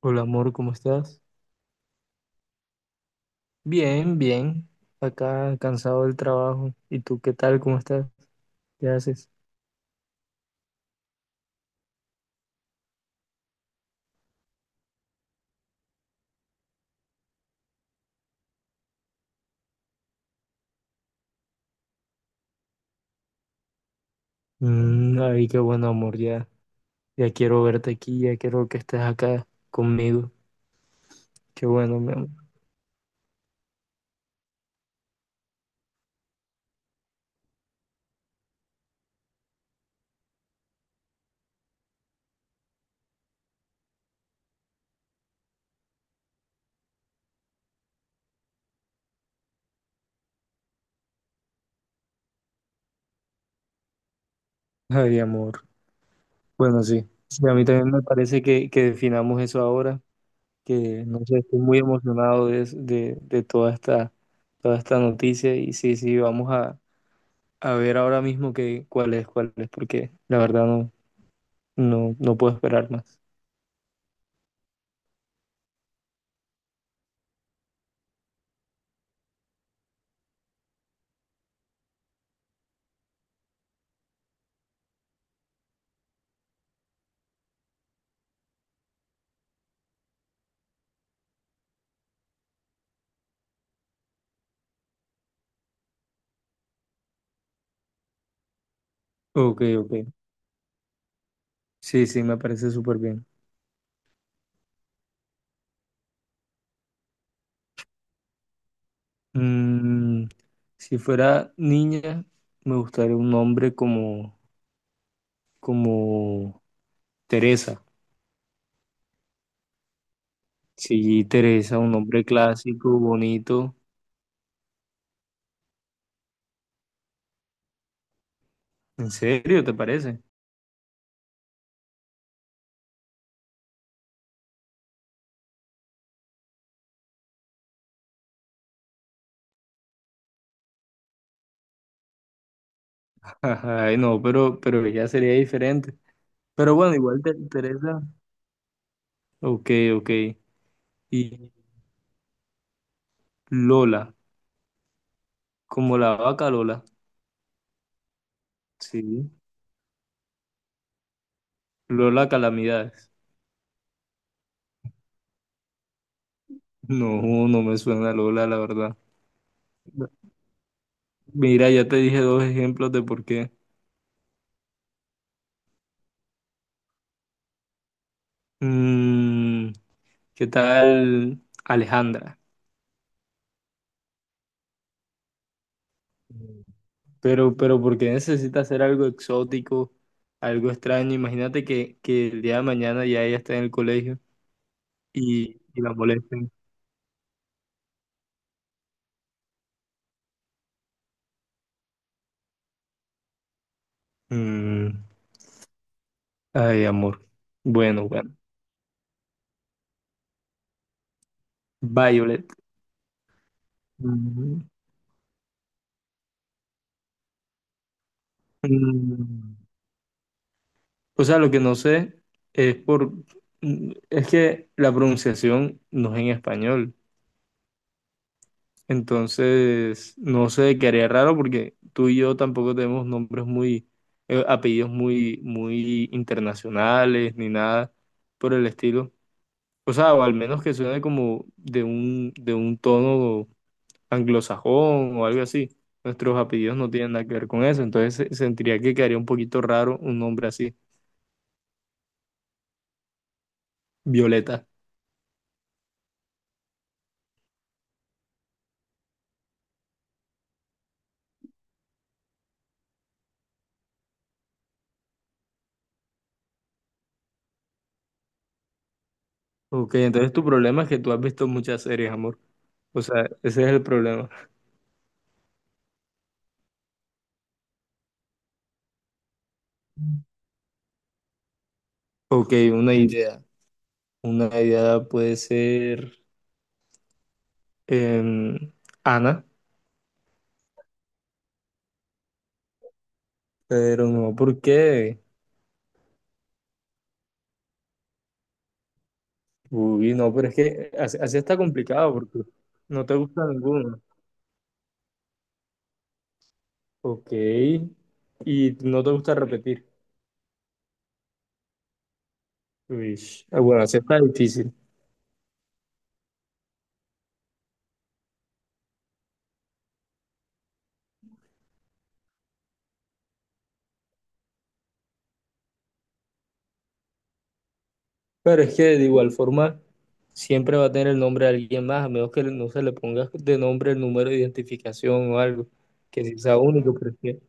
Hola amor, ¿cómo estás? Bien, bien. Acá cansado del trabajo. ¿Y tú qué tal? ¿Cómo estás? ¿Qué haces? Ay, qué bueno amor, ya. Ya quiero verte aquí, ya quiero que estés acá conmigo. Qué bueno, mi amor. Ay, amor. Bueno, sí. Sí, a mí también me parece que definamos eso ahora, que no sé, estoy muy emocionado de toda esta noticia y sí, sí, vamos a ver ahora mismo que, cuál es, porque la verdad no puedo esperar más. Ok, ok. Sí, sí, me parece súper bien. Mm, si fuera niña, me gustaría un nombre como, como Teresa. Sí, Teresa, un nombre clásico, bonito. ¿En serio, te parece? Ay, no, pero ya sería diferente. Pero bueno, igual te interesa. Ok, ok. Y Lola, como la vaca Lola. Sí. Lola Calamidades. No, no me suena Lola, la verdad. Mira, ya te dije dos ejemplos de por qué. Mm, ¿Qué tal Alejandra? Pero ¿por qué necesita hacer algo exótico, algo extraño? Imagínate que el día de mañana ya ella está en el colegio y la molesten. Mm, ay, amor. Bueno, bueno. Violet. Mm, mm. O sea, lo que no sé es por... Es que la pronunciación no es en español. Entonces, no sé, quedaría raro porque tú y yo tampoco tenemos nombres muy, apellidos muy, muy internacionales ni nada por el estilo. O sea, o al menos que suene como de un tono anglosajón o algo así. Nuestros apellidos no tienen nada que ver con eso, entonces se- sentiría que quedaría un poquito raro un nombre así, Violeta. Ok, entonces tu problema es que tú has visto muchas series, amor. O sea, ese es el problema. Ok, una idea. Una idea puede ser em, Ana, pero no, ¿por qué? Uy, no, pero es que así, así está complicado porque no te gusta ninguno. Ok, y no te gusta repetir. Uy, ah, bueno, así está difícil. Pero es que de igual forma siempre va a tener el nombre de alguien más, a menos que no se le ponga de nombre el número de identificación o algo, que sí sea único, pero es que-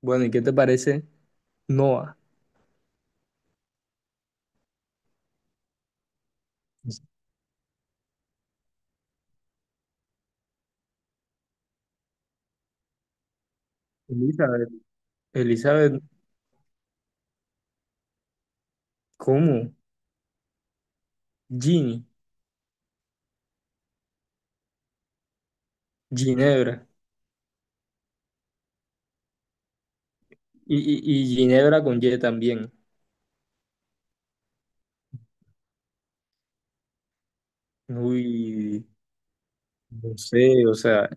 Bueno, ¿y qué te parece Noah? Elizabeth, Elizabeth, ¿cómo? Gini, Ginebra. Y Ginebra con Y también. Uy, no sé, o sea,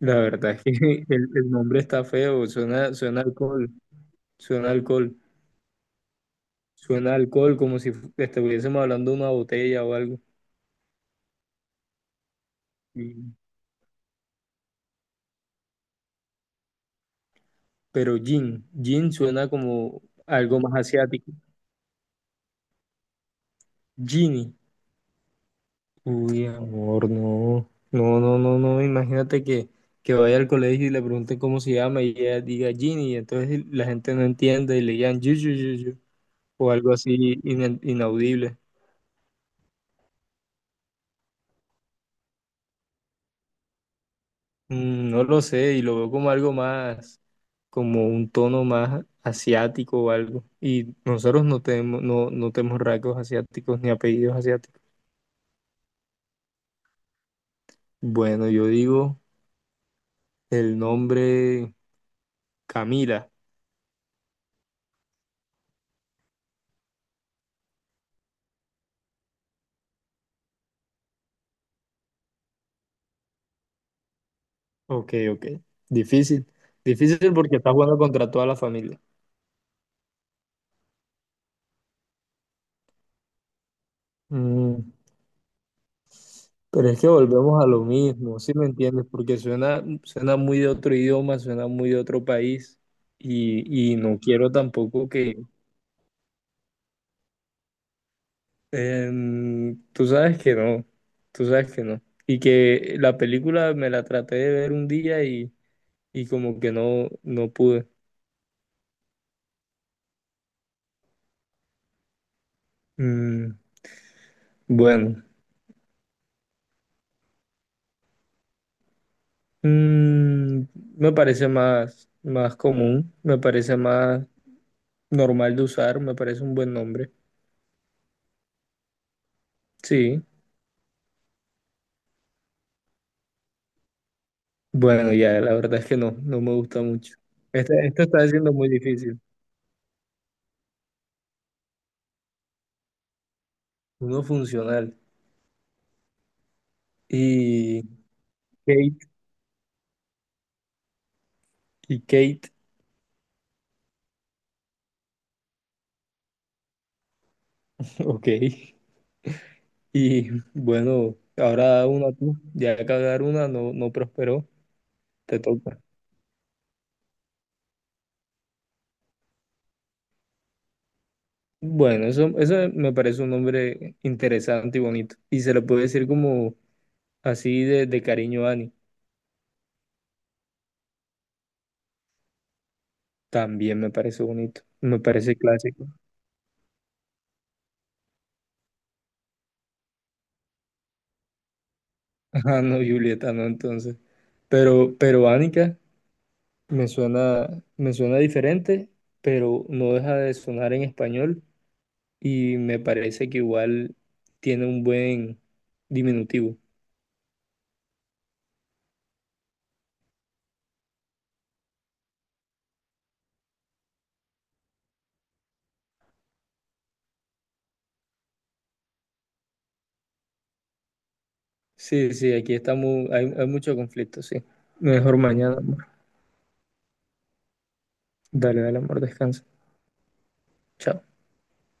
la verdad es que el nombre está feo, suena, suena a alcohol, suena a alcohol, suena a alcohol como si fu- estuviésemos hablando de una botella o algo. Y- Pero gin, gin suena como algo más asiático. Gin. Uy, amor, no. No, no, no, no. Imagínate que vaya al colegio y le pregunten cómo se llama y ella diga Ginny, y entonces la gente no entiende y le digan yu, yu, yu, yu, o algo así ina- inaudible. No lo sé, y lo veo como algo más, como un tono más asiático o algo. Y nosotros no tenemos, no tenemos rasgos asiáticos ni apellidos asiáticos. Bueno, yo digo el nombre Camila. Ok, ok. Difícil. Difícil porque estás jugando contra toda la familia. Mm, pero es que volvemos a lo mismo, ¿sí me entiendes? Porque suena, suena muy de otro idioma, suena muy de otro país. Y no quiero tampoco que... tú sabes que no. Tú sabes que no. Y que la película me la traté de ver un día y como que no, no pude. Mm, bueno. Mm, me parece más, más común, me parece más normal de usar, me parece un buen nombre. Sí. Bueno, ya, la verdad es que no, no me gusta mucho. Este- esto está siendo muy difícil. Uno funcional. Y Kate, y Kate, ok. Y bueno, ahora una tú. Ya cagar una no, no prosperó, te toca. Bueno, eso me parece un nombre interesante y bonito. Y se le puede decir como así de cariño a Annie. También me parece bonito. Me parece clásico. Ah, no, Julieta, no, entonces. Pero Ánica me suena, me suena diferente, pero no deja de sonar en español y me parece que igual tiene un buen diminutivo. Sí, sí, aquí estamos, hay mucho conflicto, sí. Mejor mañana, amor. Dale, dale, amor, descansa. Chao.